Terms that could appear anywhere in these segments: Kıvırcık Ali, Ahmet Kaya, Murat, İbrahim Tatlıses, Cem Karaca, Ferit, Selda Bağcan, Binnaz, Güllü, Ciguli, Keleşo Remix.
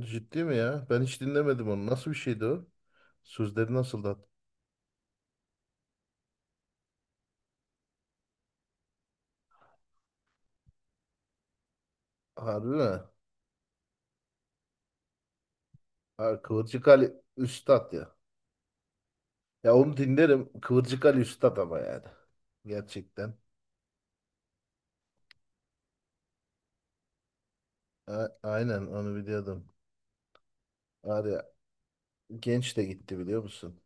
Ciddi mi ya? Ben hiç dinlemedim onu. Nasıl bir şeydi o? Sözleri nasıldı? Harbi mi? Ha, Kıvırcık Ali Üstad ya. Ya onu dinlerim. Kıvırcık Ali Üstad ama yani. Gerçekten. Aynen onu biliyordum. Var ya, genç de gitti biliyor musun?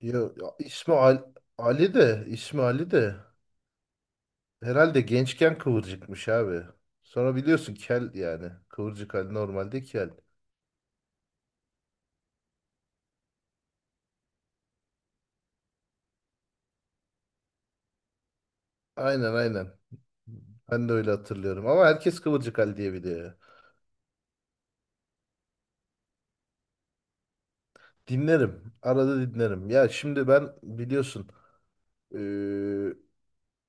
Yo, ya ismi Ali, Ali de ismi Ali de herhalde gençken kıvırcıkmış abi. Sonra biliyorsun kel yani. Kıvırcık Ali normalde kel. Aynen. Ben de öyle hatırlıyorum. Ama herkes Kıvırcık Ali diye biliyor. Dinlerim. Arada dinlerim. Ya şimdi ben biliyorsun eee,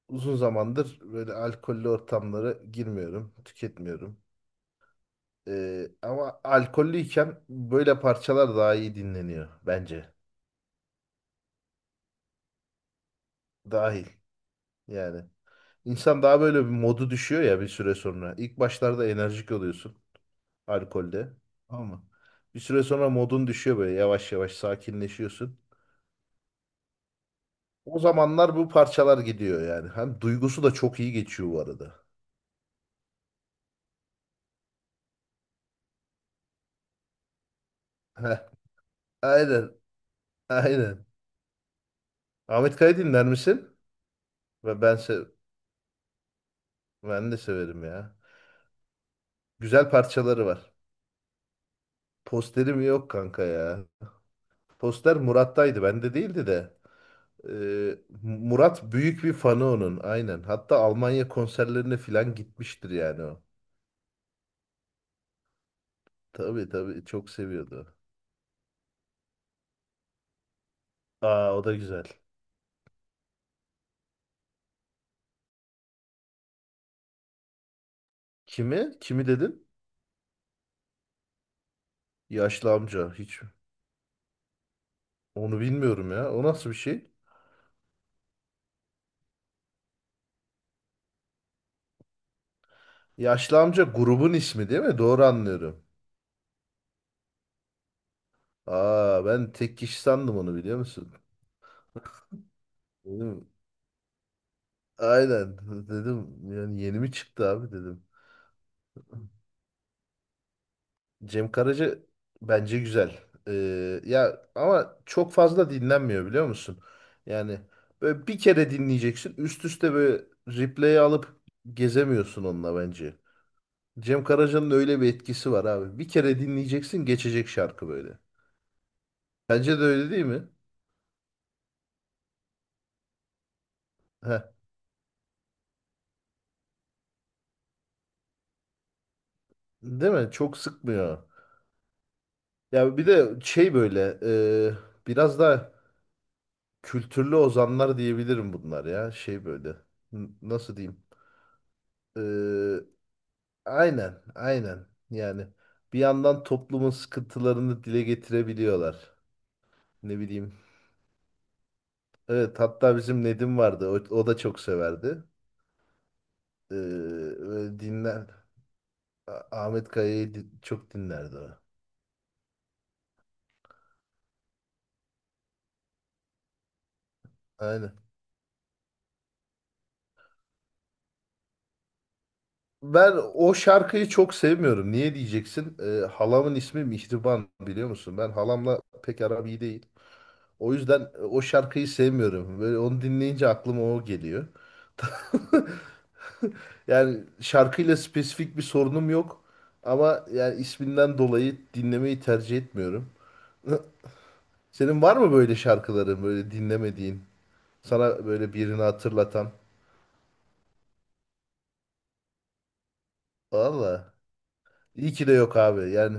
uzun zamandır böyle alkollü ortamlara girmiyorum, tüketmiyorum. Ama alkollüyken böyle parçalar daha iyi dinleniyor bence. Dahil yani. İnsan daha böyle bir modu düşüyor ya bir süre sonra. İlk başlarda enerjik oluyorsun alkolde. Ama bir süre sonra modun düşüyor böyle yavaş yavaş sakinleşiyorsun. O zamanlar bu parçalar gidiyor yani. Hem duygusu da çok iyi geçiyor bu arada. Heh, aynen, aynen. Ahmet Kaya dinler misin? Ve ben se Ben de severim ya. Güzel parçaları var. Posterim yok kanka ya. Poster Murat'taydı, bende değildi de. Ee, Murat büyük bir fanı onun, aynen. Hatta Almanya konserlerine falan gitmiştir yani o. Tabii tabii, çok seviyordu. Aa, o da güzel. Kimi? Kimi dedin? Yaşlı amca. Hiç onu bilmiyorum ya. O nasıl bir şey? Yaşlı amca grubun ismi değil mi? Doğru anlıyorum. Aa, ben tek kişi sandım onu biliyor musun? Dedim aynen dedim yani yeni mi çıktı abi dedim. Cem Karaca bence güzel. Ya ama çok fazla dinlenmiyor biliyor musun? Yani böyle bir kere dinleyeceksin üst üste böyle replay'i alıp gezemiyorsun onunla bence. Cem Karaca'nın öyle bir etkisi var abi. Bir kere dinleyeceksin geçecek şarkı böyle. Bence de öyle değil mi? Heh, değil mi? Çok sıkmıyor. Ya bir de şey böyle biraz da kültürlü ozanlar diyebilirim bunlar ya. Şey böyle nasıl diyeyim? E, aynen yani, bir yandan toplumun sıkıntılarını dile getirebiliyorlar. Ne bileyim. Evet, hatta bizim Nedim vardı, o da çok severdi. E, böyle dinler. Ahmet Kaya'yı çok dinlerdi o. Aynen. Ben o şarkıyı çok sevmiyorum. Niye diyeceksin? Halamın ismi Mihriban biliyor musun? Ben halamla pek aram iyi değil. O yüzden o şarkıyı sevmiyorum. Böyle onu dinleyince aklıma o geliyor. Yani şarkıyla spesifik bir sorunum yok. Ama yani isminden dolayı dinlemeyi tercih etmiyorum. Senin var mı böyle şarkıların böyle dinlemediğin? Sana böyle birini hatırlatan? Valla. İyi ki de yok abi. Yani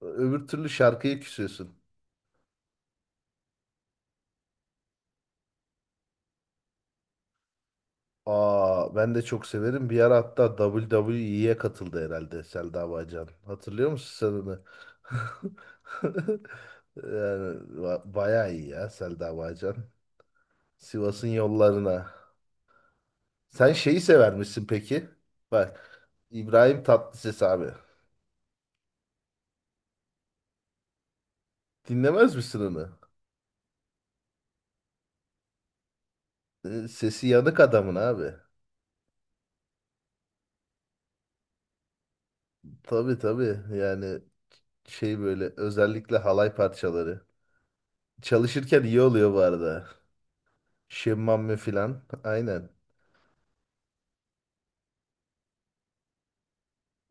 öbür türlü şarkıyı küsüyorsun. Aa, ben de çok severim. Bir ara hatta WWE'ye katıldı herhalde Selda Bağcan. Hatırlıyor musun sen onu? Yani bayağı iyi ya Selda Bağcan. Sivas'ın yollarına. Sen şeyi sever misin peki? Bak, İbrahim Tatlıses abi. Dinlemez misin onu? Sesi yanık adamın abi. Tabii tabii, yani şey böyle özellikle halay parçaları. Çalışırken iyi oluyor bu arada. Şemmame filan. Aynen.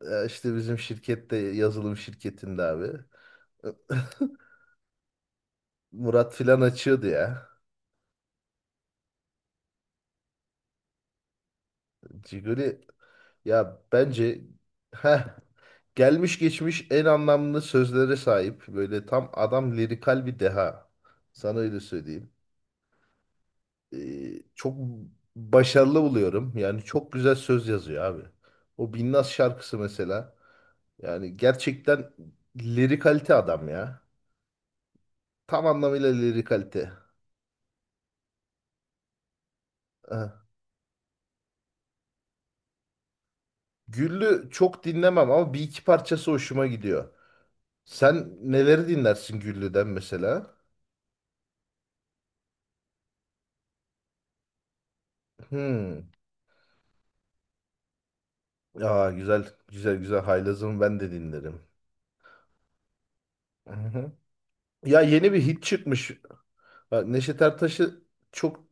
Ya işte bizim şirkette, yazılım şirketinde abi. E, Murat filan açıyordu ya. Ciguli bence heh, gelmiş geçmiş en anlamlı sözlere sahip. Böyle tam adam lirikal bir deha. Sana öyle söyleyeyim. Çok başarılı buluyorum. Yani çok güzel söz yazıyor abi. O Binnaz şarkısı mesela. Yani gerçekten lirikalite adam ya. Tam anlamıyla lirikalite. Güllü çok dinlemem ama bir iki parçası hoşuma gidiyor. Sen neleri dinlersin Güllü'den mesela? Hmm. Aa, güzel, Haylaz'ım ben de dinlerim. Hı hı. Ya yeni bir hit çıkmış. Bak, Neşet Ertaş'ı çok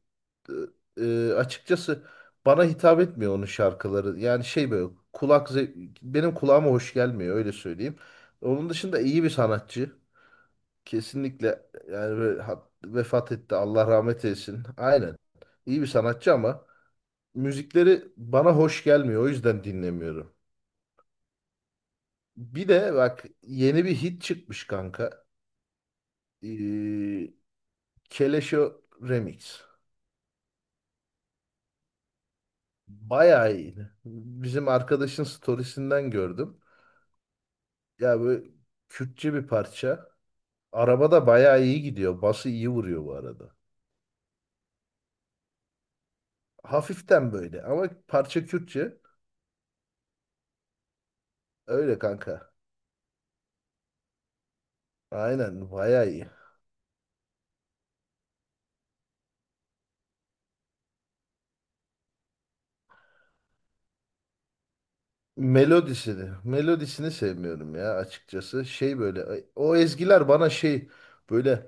açıkçası bana hitap etmiyor onun şarkıları. Yani şey böyle benim kulağıma hoş gelmiyor, öyle söyleyeyim. Onun dışında iyi bir sanatçı. Kesinlikle yani vefat etti. Allah rahmet eylesin. Aynen. İyi bir sanatçı ama müzikleri bana hoş gelmiyor. O yüzden dinlemiyorum. Bir de bak, yeni bir hit çıkmış kanka. Ee, Keleşo Remix. Bayağı iyi. Bizim arkadaşın storiesinden gördüm. Ya böyle Kürtçe bir parça. Arabada bayağı iyi gidiyor. Bası iyi vuruyor bu arada. Hafiften böyle ama parça Kürtçe. Öyle kanka. Aynen, bayağı iyi. Melodisini sevmiyorum ya açıkçası. Şey böyle, o ezgiler bana şey böyle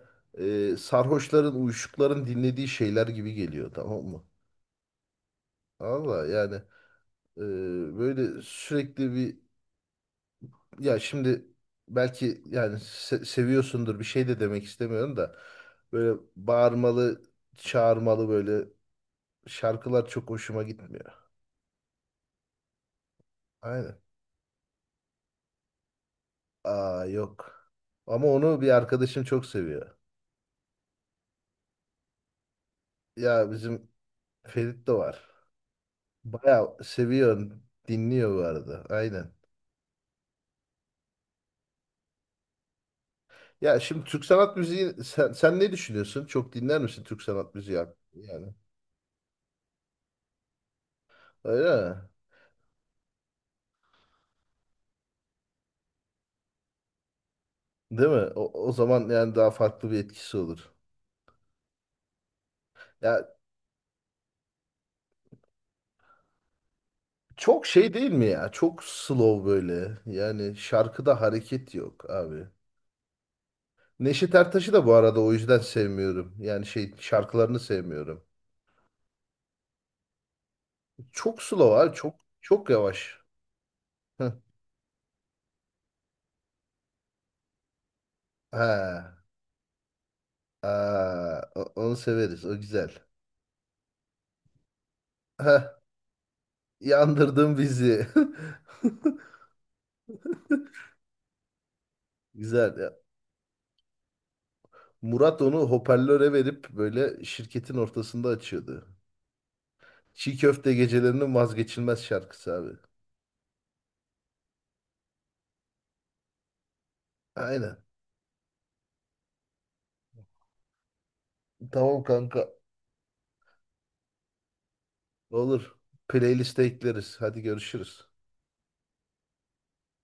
sarhoşların, uyuşukların dinlediği şeyler gibi geliyor, tamam mı? Valla yani e, böyle sürekli bir, ya şimdi belki yani seviyorsundur, bir şey de demek istemiyorum da böyle bağırmalı, çağırmalı böyle şarkılar çok hoşuma gitmiyor. Aynen. Aa, yok. Ama onu bir arkadaşım çok seviyor. Ya bizim Ferit de var. Bayağı seviyor, dinliyor bu arada. Aynen. Ya şimdi Türk sanat müziği, sen ne düşünüyorsun? Çok dinler misin Türk sanat müziği? Yani öyle mi? Değil mi? O zaman yani daha farklı bir etkisi olur. Ya çok şey değil mi ya? Çok slow böyle. Yani şarkıda hareket yok abi. Neşet Ertaş'ı da bu arada o yüzden sevmiyorum. Yani şey şarkılarını sevmiyorum. Çok slow abi. Çok yavaş. Heh. He. Aa, onu severiz. O güzel. Heh, yandırdın bizi. Güzel ya. Murat onu hoparlöre verip böyle şirketin ortasında açıyordu. Çiğ köfte gecelerinin vazgeçilmez şarkısı abi. Aynen. Tamam kanka. Olur. Playlist'e ekleriz. Hadi görüşürüz.